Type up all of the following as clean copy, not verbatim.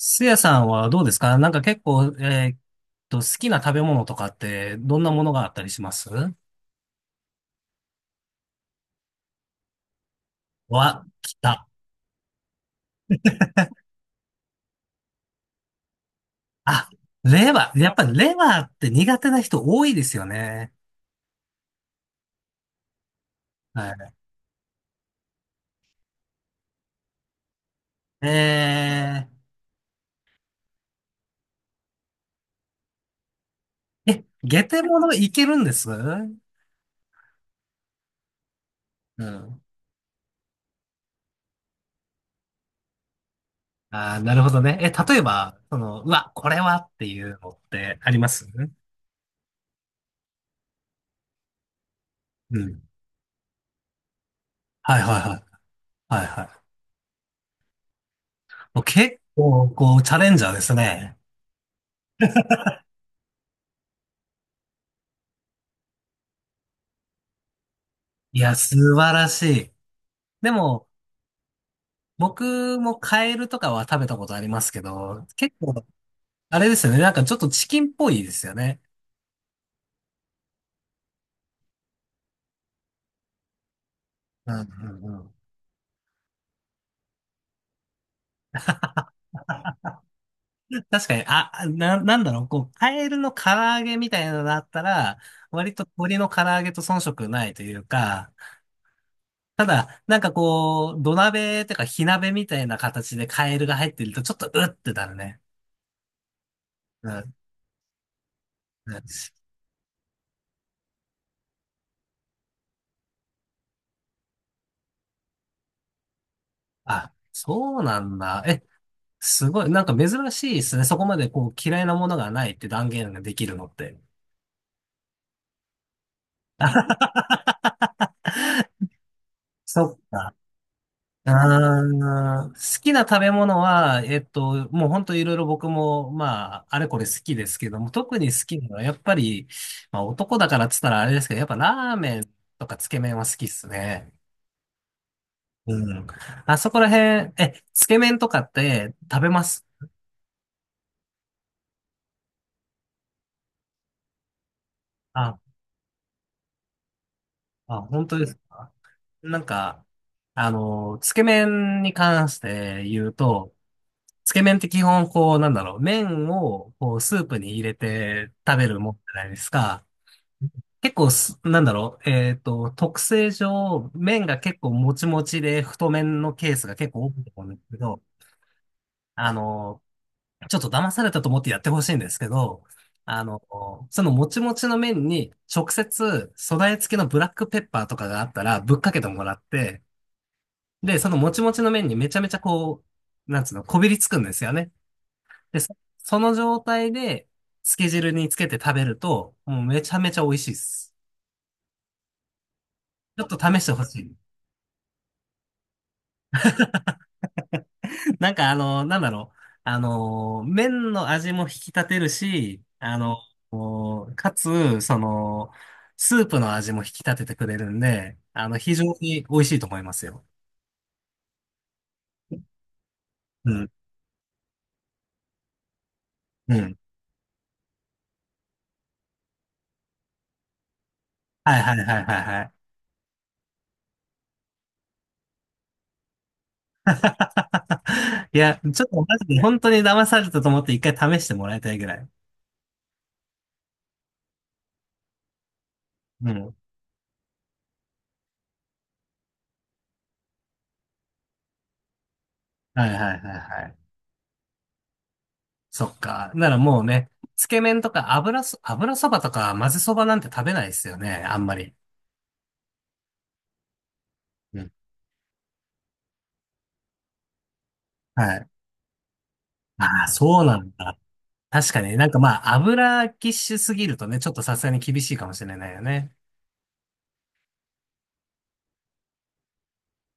スヤさんはどうですか？なんか結構、好きな食べ物とかって、どんなものがあったりします？わ、来た。あ、レバー。やっぱりレバーって苦手な人多いですよね。はい。ええ、ゲテモノいけるんです？うん。あー、なるほどね。え、例えば、うわ、これはっていうのってあります？うん。はいはいはい。はいはい。もう結構、こう、チャレンジャーですね。いや、素晴らしい。でも、僕もカエルとかは食べたことありますけど、結構、あれですよね。なんかちょっとチキンっぽいですよね。うんうんうん。確かに、あ、なんだろう、こう、カエルの唐揚げみたいなのだったら、割と鶏の唐揚げと遜色ないというか、ただ、なんかこう、土鍋とか火鍋みたいな形でカエルが入ってると、ちょっとうってなるね。うん、うん。あ、そうなんだ。え、すごい。なんか珍しいですね。そこまでこう、嫌いなものがないって断言ができるのって。そっか。好きな食べ物は、もう本当いろいろ僕も、まあ、あれこれ好きですけども、特に好きなのは、やっぱり、まあ男だからっつったらあれですけど、やっぱラーメンとかつけ麺は好きっすね。うん。あそこら辺、え、つけ麺とかって食べます？あ、あ、本当ですか？なんか、つけ麺に関して言うと、つけ麺って基本、こう、なんだろう、麺を、こう、スープに入れて食べるもんじゃないですか。結構す、なんだろう、特性上、麺が結構もちもちで太麺のケースが結構多いと思うんですけど、あの、ちょっと騙されたと思ってやってほしいんですけど、あの、そのもちもちの麺に直接素材付きのブラックペッパーとかがあったらぶっかけてもらって、で、そのもちもちの麺にめちゃめちゃこう、なんつうの、こびりつくんですよね。で、その状態で、つけ汁につけて食べると、もうめちゃめちゃ美味しいです。ちょっと試してほしい。なんかなんだろう。麺の味も引き立てるし、こうかつ、その、スープの味も引き立ててくれるんで、非常に美味しいと思いますよ。うん。うん。はいはいはいはいはい。いや、ちょっとマジで本当に騙されたと思って一回試してもらいたいぐらい。うん。はいはいはいはい。そっか。ならもうね、つけ麺とか油そばとか混ぜそばなんて食べないですよね、あんまり。うん。はい。ああ、そうなんだ。確かになんかまあ、油キッシュすぎるとね、ちょっとさすがに厳しいかもしれないよね。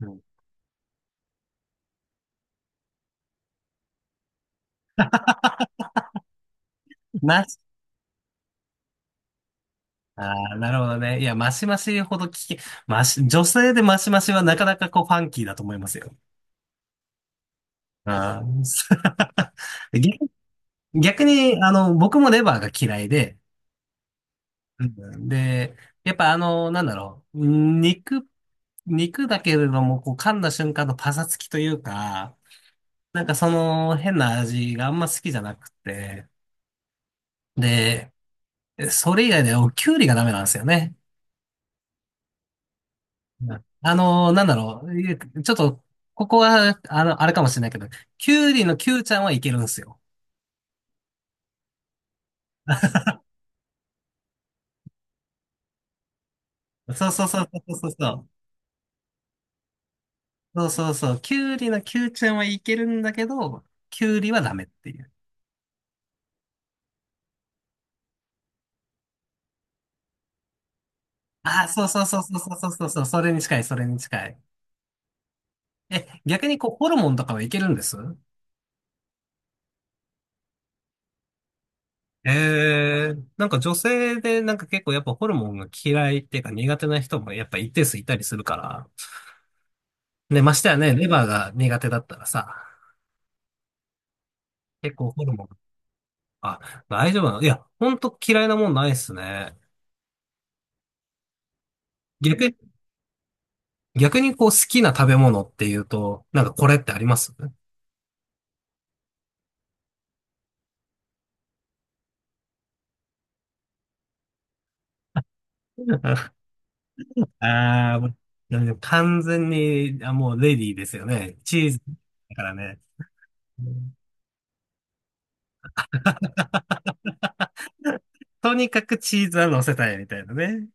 うん。まし、ああ、なるほどね。いや、マシマシほど聞き、マシ、女性でマシマシはなかなかこうファンキーだと思いますよ。ああ、逆逆に、僕もレバーが嫌いで、うん。で、やっぱなんだろう、肉、肉だけれども、こう噛んだ瞬間のパサつきというか、なんかその変な味があんま好きじゃなくて、で、それ以外でおきゅうりがダメなんですよね。うん。なんだろう、いえちょっと、ここは、あれかもしれないけど、きゅうりのきゅうちゃんはいけるんですよ。そうそうそうそうそうそう。そうそうそう。きゅうりのきゅうちゃんはいけるんだけど、きゅうりはダメっていう。ああ、そうそうそうそうそうそうそうそう、それに近い、それに近い。え、逆にこう、ホルモンとかはいけるんです？ええ。なんか女性でなんか結構やっぱホルモンが嫌いっていうか苦手な人もやっぱ一定数いたりするから。ね、ましてやね、レバーが苦手だったらさ、結構ホルモン、あ、大丈夫なの？いや、ほんと嫌いなもんないっすね。逆に、逆にこう好きな食べ物っていうと、なんかこれってあります？ ああ、もうなんで完全に、あ、もうレディーですよね。チーズだからね。うん。とにかくチーズは乗せたいみたいなね。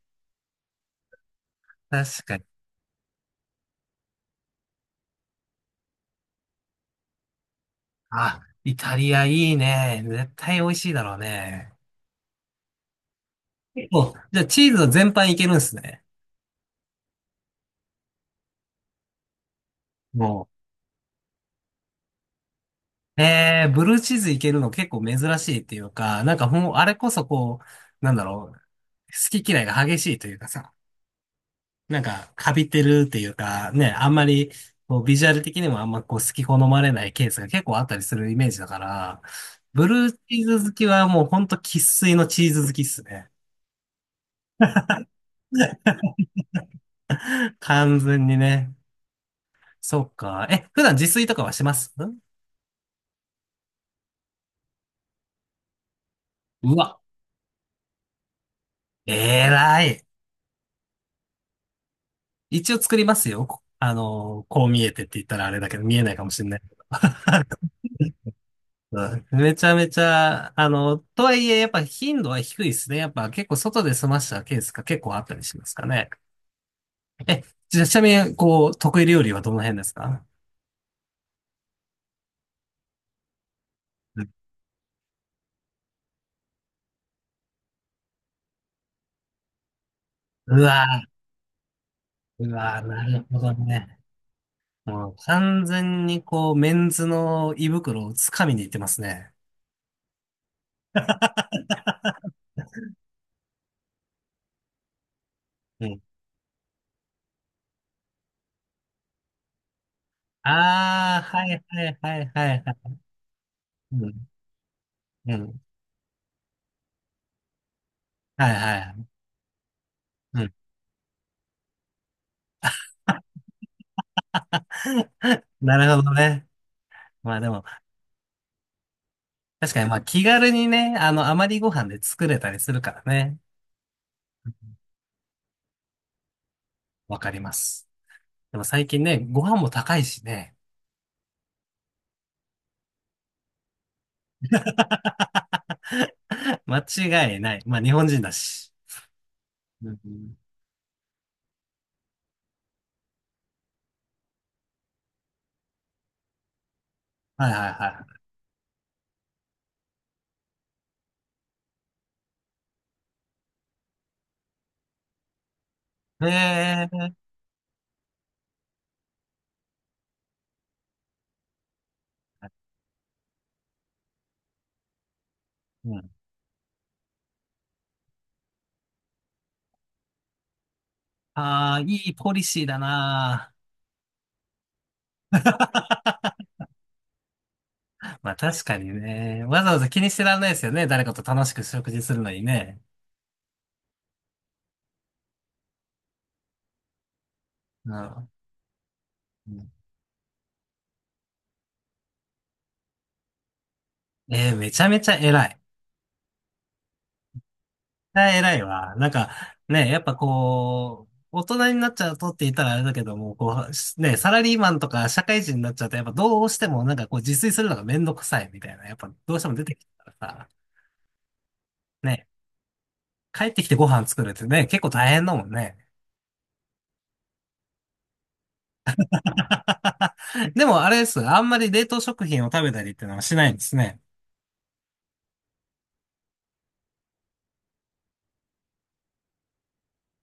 確かに。あ、イタリアいいね。絶対美味しいだろうね。お、じゃあチーズは全般いけるんですね。もう。ブルーチーズいけるの結構珍しいっていうか、なんかもう、あれこそこう、なんだろう、好き嫌いが激しいというかさ。なんか、カビてるっていうか、ね、あんまり、こう、ビジュアル的にもあんまこう、好き好まれないケースが結構あったりするイメージだから、ブルーチーズ好きはもうほんと生粋のチーズ好きっすね。完全にね。そっか。え、普段自炊とかはします？うわ、えらい。一応作りますよ。こあのーこう見えてって言ったらあれだけど、見えないかもしれないけど。はい。めちゃめちゃ、とはいえ、やっぱ頻度は低いですね。やっぱ結構外で済ましたケースが結構あったりしますかね。え、じゃあちなみに、こう、得意料理はどの辺ですか？うわー、うわー、なるほどね。もう完全にこう、メンズの胃袋をつかみに行ってますね。うん。ああ、はいはいはいはいはい。うん、うん。はいはい。うん。なるほどね。まあでも、確かに、まあ気軽にね、余りご飯で作れたりするからね。わかります。でも最近ね、ご飯も高いしね。間違いない。まあ日本人だし。うん。はいはいはい。うん。ああ、いいポリシーだなー。まあ確かにね。わざわざ気にしてらんないですよね。誰かと楽しく食事するのにね。うん。うん。めちゃめちゃ偉い。え、偉いわ。なんか、ね、やっぱこう、大人になっちゃうとって言ったらあれだけども、こう、ね、サラリーマンとか社会人になっちゃうと、やっぱどうしてもなんかこう自炊するのがめんどくさいみたいな、やっぱどうしても出てきたからさ、ね、帰ってきてご飯作るってね、結構大変だもんね。でもあれです。あんまり冷凍食品を食べたりっていうのはしないんですね。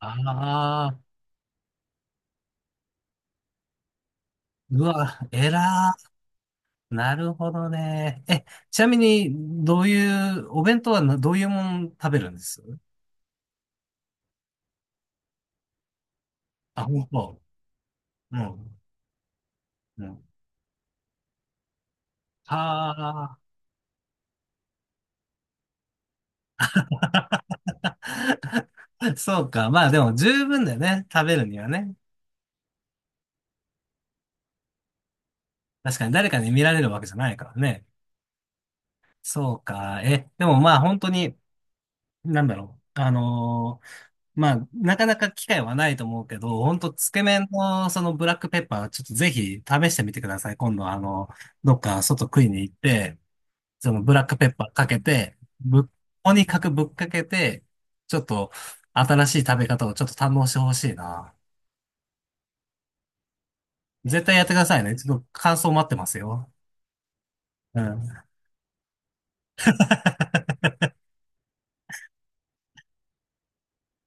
ああ、うわ、偉ー。なるほどね。え、ちなみに、どういう、お弁当はなどういうもん食べるんです？あ、もう、うん、うん。ああ、そうか。まあでも十分だよね。食べるにはね。確かに誰かに見られるわけじゃないからね。そうか。え、でもまあ本当に、なんだろう。まあ、なかなか機会はないと思うけど、本当つけ麺のそのブラックペッパー、ちょっとぜひ試してみてください。今度どっか外食いに行って、そのブラックペッパーかけて、とにかくぶっかけて、ちょっと新しい食べ方をちょっと堪能してほしいな。絶対やってくださいね。ちょっと感想待ってますよ。うん。